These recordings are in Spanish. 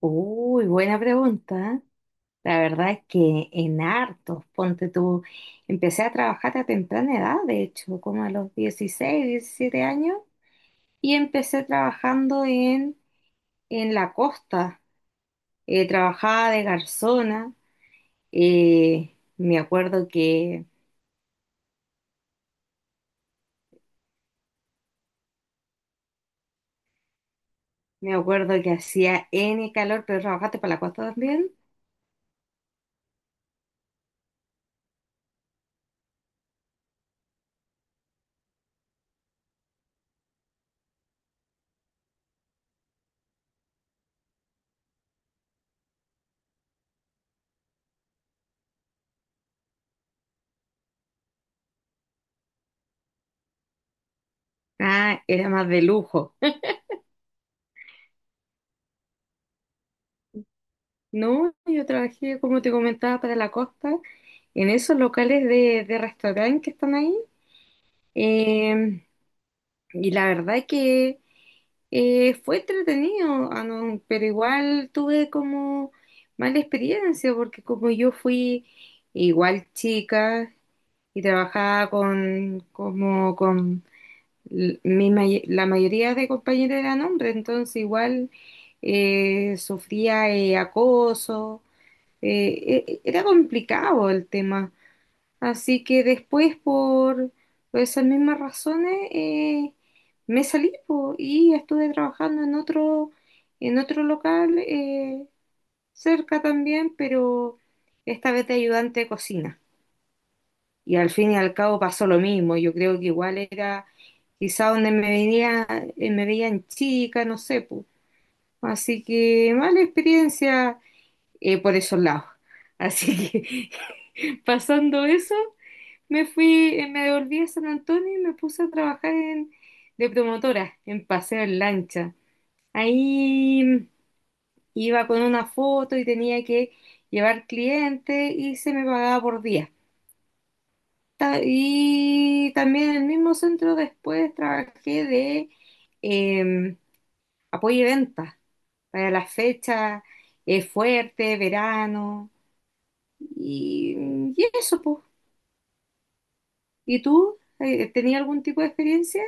Uy, buena pregunta. La verdad es que en hartos, ponte tú, empecé a trabajar a temprana edad, de hecho, como a los 16 17 años, y empecé trabajando en la costa. Trabajaba de garzona, eh, me acuerdo que, me acuerdo que hacía N calor, pero trabajaste para la costa también. Ah, era más de lujo. No, yo trabajé, como te comentaba, para la costa, en esos locales de restaurante que están ahí. Eh, y la verdad que fue entretenido, ah, no, pero igual tuve como mala experiencia, porque como yo fui igual chica y trabajaba con, como con la mayoría de compañeros eran hombres, entonces igual sufría acoso era complicado el tema. Así que después, por esas mismas razones, me salí po, y estuve trabajando en otro local cerca también, pero esta vez de ayudante de cocina. Y al fin y al cabo pasó lo mismo. Yo creo que igual era quizá donde me venía, me veían chica, no sé, po. Así que mala experiencia por esos lados. Así que pasando eso, me fui, me devolví a San Antonio y me puse a trabajar en, de promotora, en paseo en lancha. Ahí iba con una foto y tenía que llevar clientes y se me pagaba por día. Y también en el mismo centro después trabajé de eh, apoyo y venta para las fechas fuerte, verano. Y, y eso, pues. ¿Y tú? ¿Tenías algún tipo de experiencia?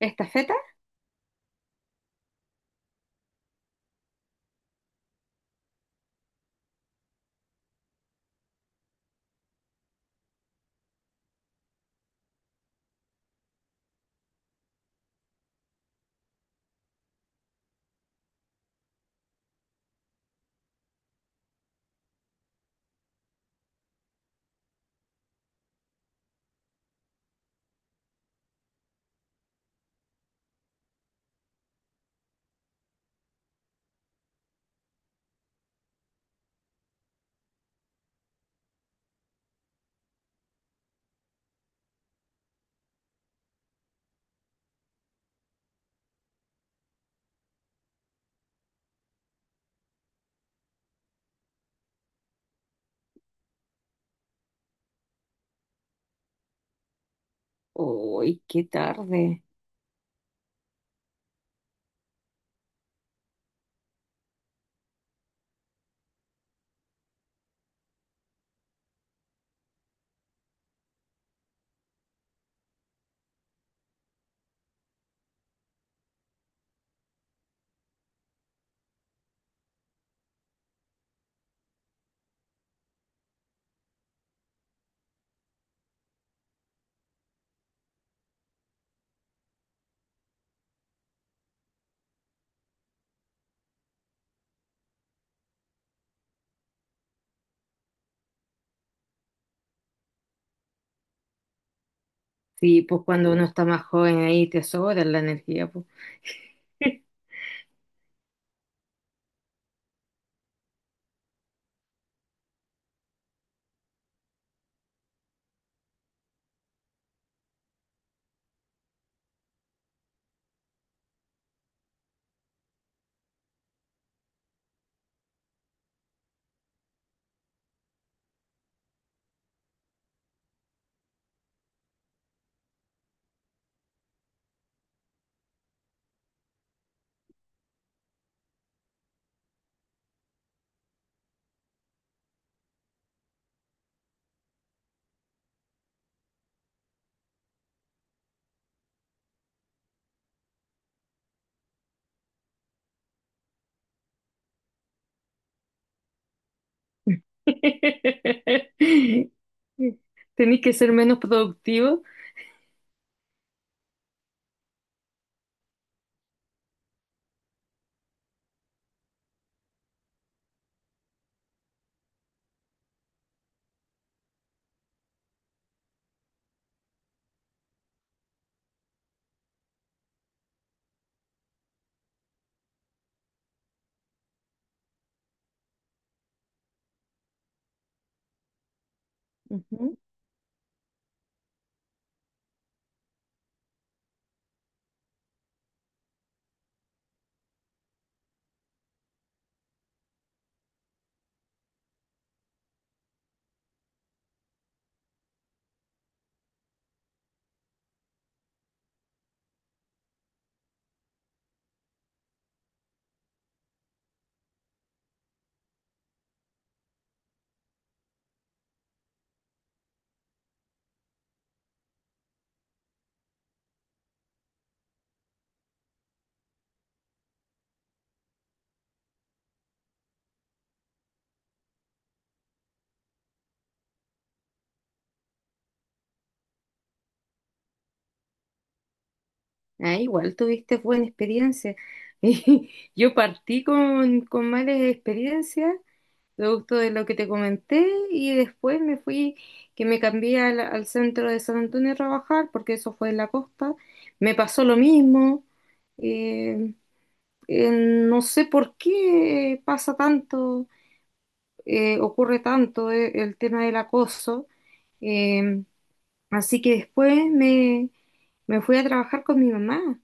¿Estafeta? Uy, qué tarde. Sí, pues cuando uno está más joven ahí te sobra la energía, pues. Tenés que ser menos productivo. Ujú. Ah, igual tuviste buena experiencia. Yo partí con malas experiencias producto de lo que te comenté, y después me fui, que me cambié al, al centro de San Antonio a trabajar, porque eso fue en la costa, me pasó lo mismo, eh, no sé por qué pasa tanto, ocurre tanto el tema del acoso, eh, así que me fui a trabajar con mi mamá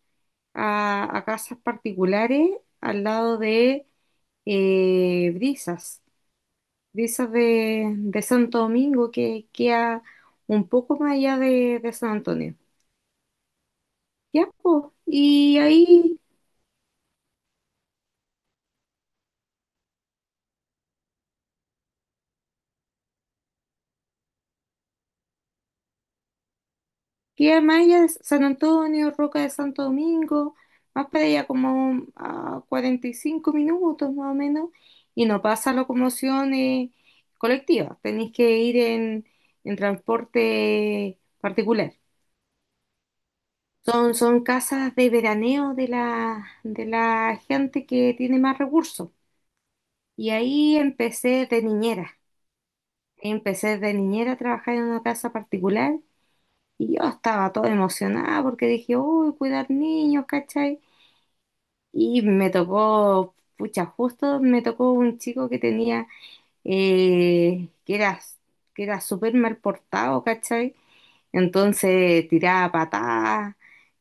a casas particulares al lado de Brisas de esas de Santo Domingo que queda un poco más allá de San Antonio. Ya, po. Y ahí queda más allá de San Antonio, Roca de Santo Domingo, más para allá como a 45 minutos más o menos, y no pasa locomoción colectiva, tenéis que ir en transporte particular. Son casas de veraneo de de la gente que tiene más recursos. Y ahí empecé de niñera. Empecé de niñera a trabajar en una casa particular y yo estaba toda emocionada porque dije, uy, cuidar niños, ¿cachai? Y me tocó, pucha, justo me tocó un chico que tenía, eh, que era, que era súper mal portado, ¿cachai? Entonces tiraba patadas,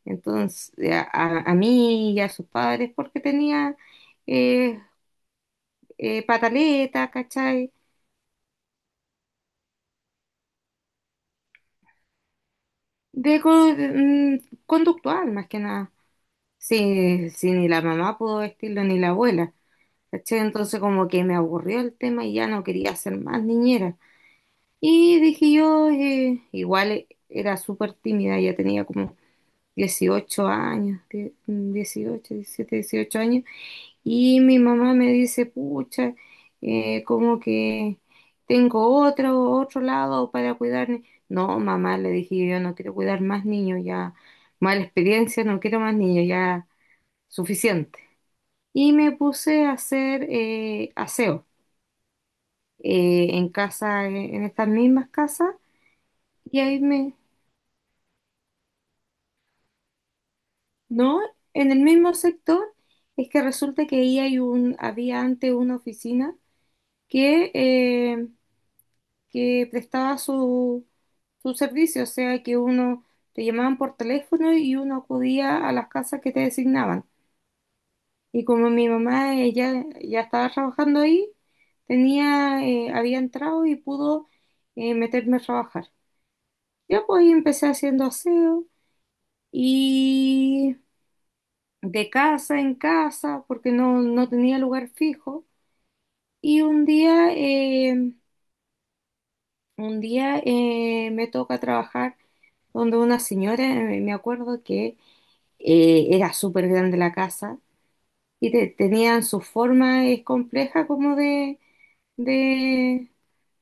entonces a mí y a sus padres porque tenía eh, pataleta, ¿cachai? De, co- mm, conductual, más que nada. Sí, sí, ni la mamá pudo vestirlo, ni la abuela. ¿Cachai? Entonces como que me aburrió el tema y ya no quería ser más niñera. Y dije yo, igual era súper tímida, ya tenía como 18 años, 18, 17, 18 años. Y mi mamá me dice, pucha, como que tengo otro, otro lado para cuidar. Ni-". No, mamá, le dije, yo no quiero cuidar más niños, ya, mala experiencia, no quiero más niños, ya, suficiente. Y me puse a hacer aseo en casa, en estas mismas casas, y no, en el mismo sector, es que resulta que ahí hay un, había antes una oficina que... eh, que prestaba su, su servicio, o sea que uno te llamaban por teléfono y uno acudía a las casas que te designaban. Y como mi mamá ya estaba trabajando ahí, tenía, había entrado y pudo meterme a trabajar. Yo pues ahí empecé haciendo aseo y de casa en casa, porque no tenía lugar fijo. Y un día me toca trabajar donde una señora, me acuerdo que era súper grande la casa y tenían su forma compleja como de,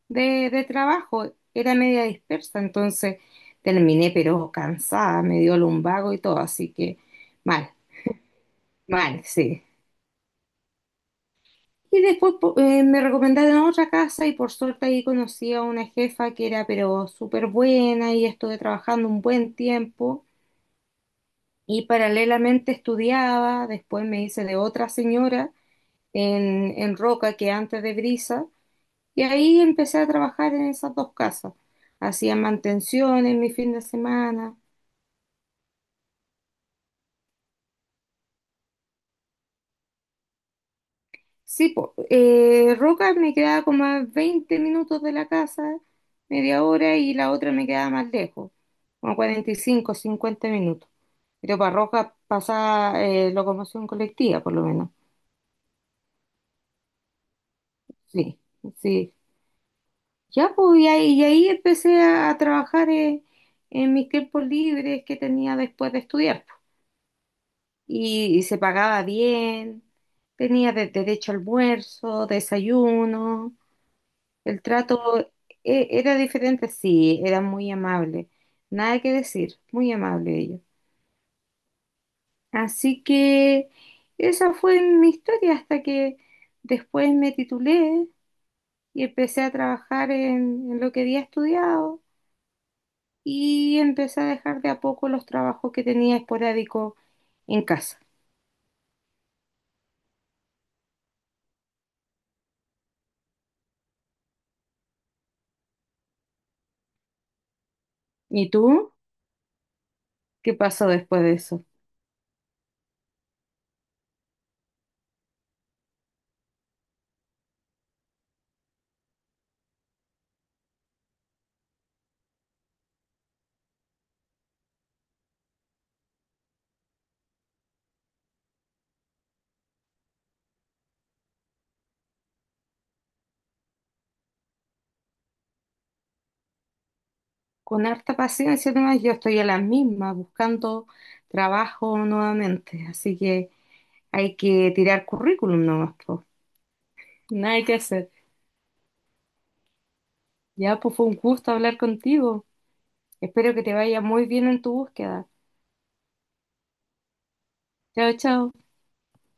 de trabajo, era media dispersa, entonces terminé pero cansada, me dio lumbago y todo, así que mal, mal, sí. Y después me recomendaron otra casa y por suerte ahí conocí a una jefa que era pero súper buena y estuve trabajando un buen tiempo. Y paralelamente estudiaba, después me hice de otra señora en Roca, que antes de Brisa, y ahí empecé a trabajar en esas dos casas. Hacía mantención en mi fin de semana. Sí, po, Roca me quedaba como a 20 minutos de la casa, media hora, y la otra me quedaba más lejos, como 45, 50 minutos. Pero para Roca pasaba locomoción colectiva, por lo menos. Sí, sí. Ya, pues, y ahí empecé a trabajar en mis tiempos libres que tenía después de estudiar. Pues. Y se pagaba bien, tenía derecho a almuerzo, desayuno, el trato era diferente, sí, era muy amable, nada que decir, muy amable ellos. Así que esa fue mi historia hasta que después me titulé y empecé a trabajar en lo que había estudiado. Y empecé a dejar de a poco los trabajos que tenía esporádico en casa. ¿Y tú? ¿Qué pasó después de eso? Con harta paciencia nomás, yo estoy a las mismas buscando trabajo nuevamente, así que hay que tirar currículum nomás, po. Nada hay que hacer. Ya, pues fue un gusto hablar contigo. Espero que te vaya muy bien en tu búsqueda. Chao, chao.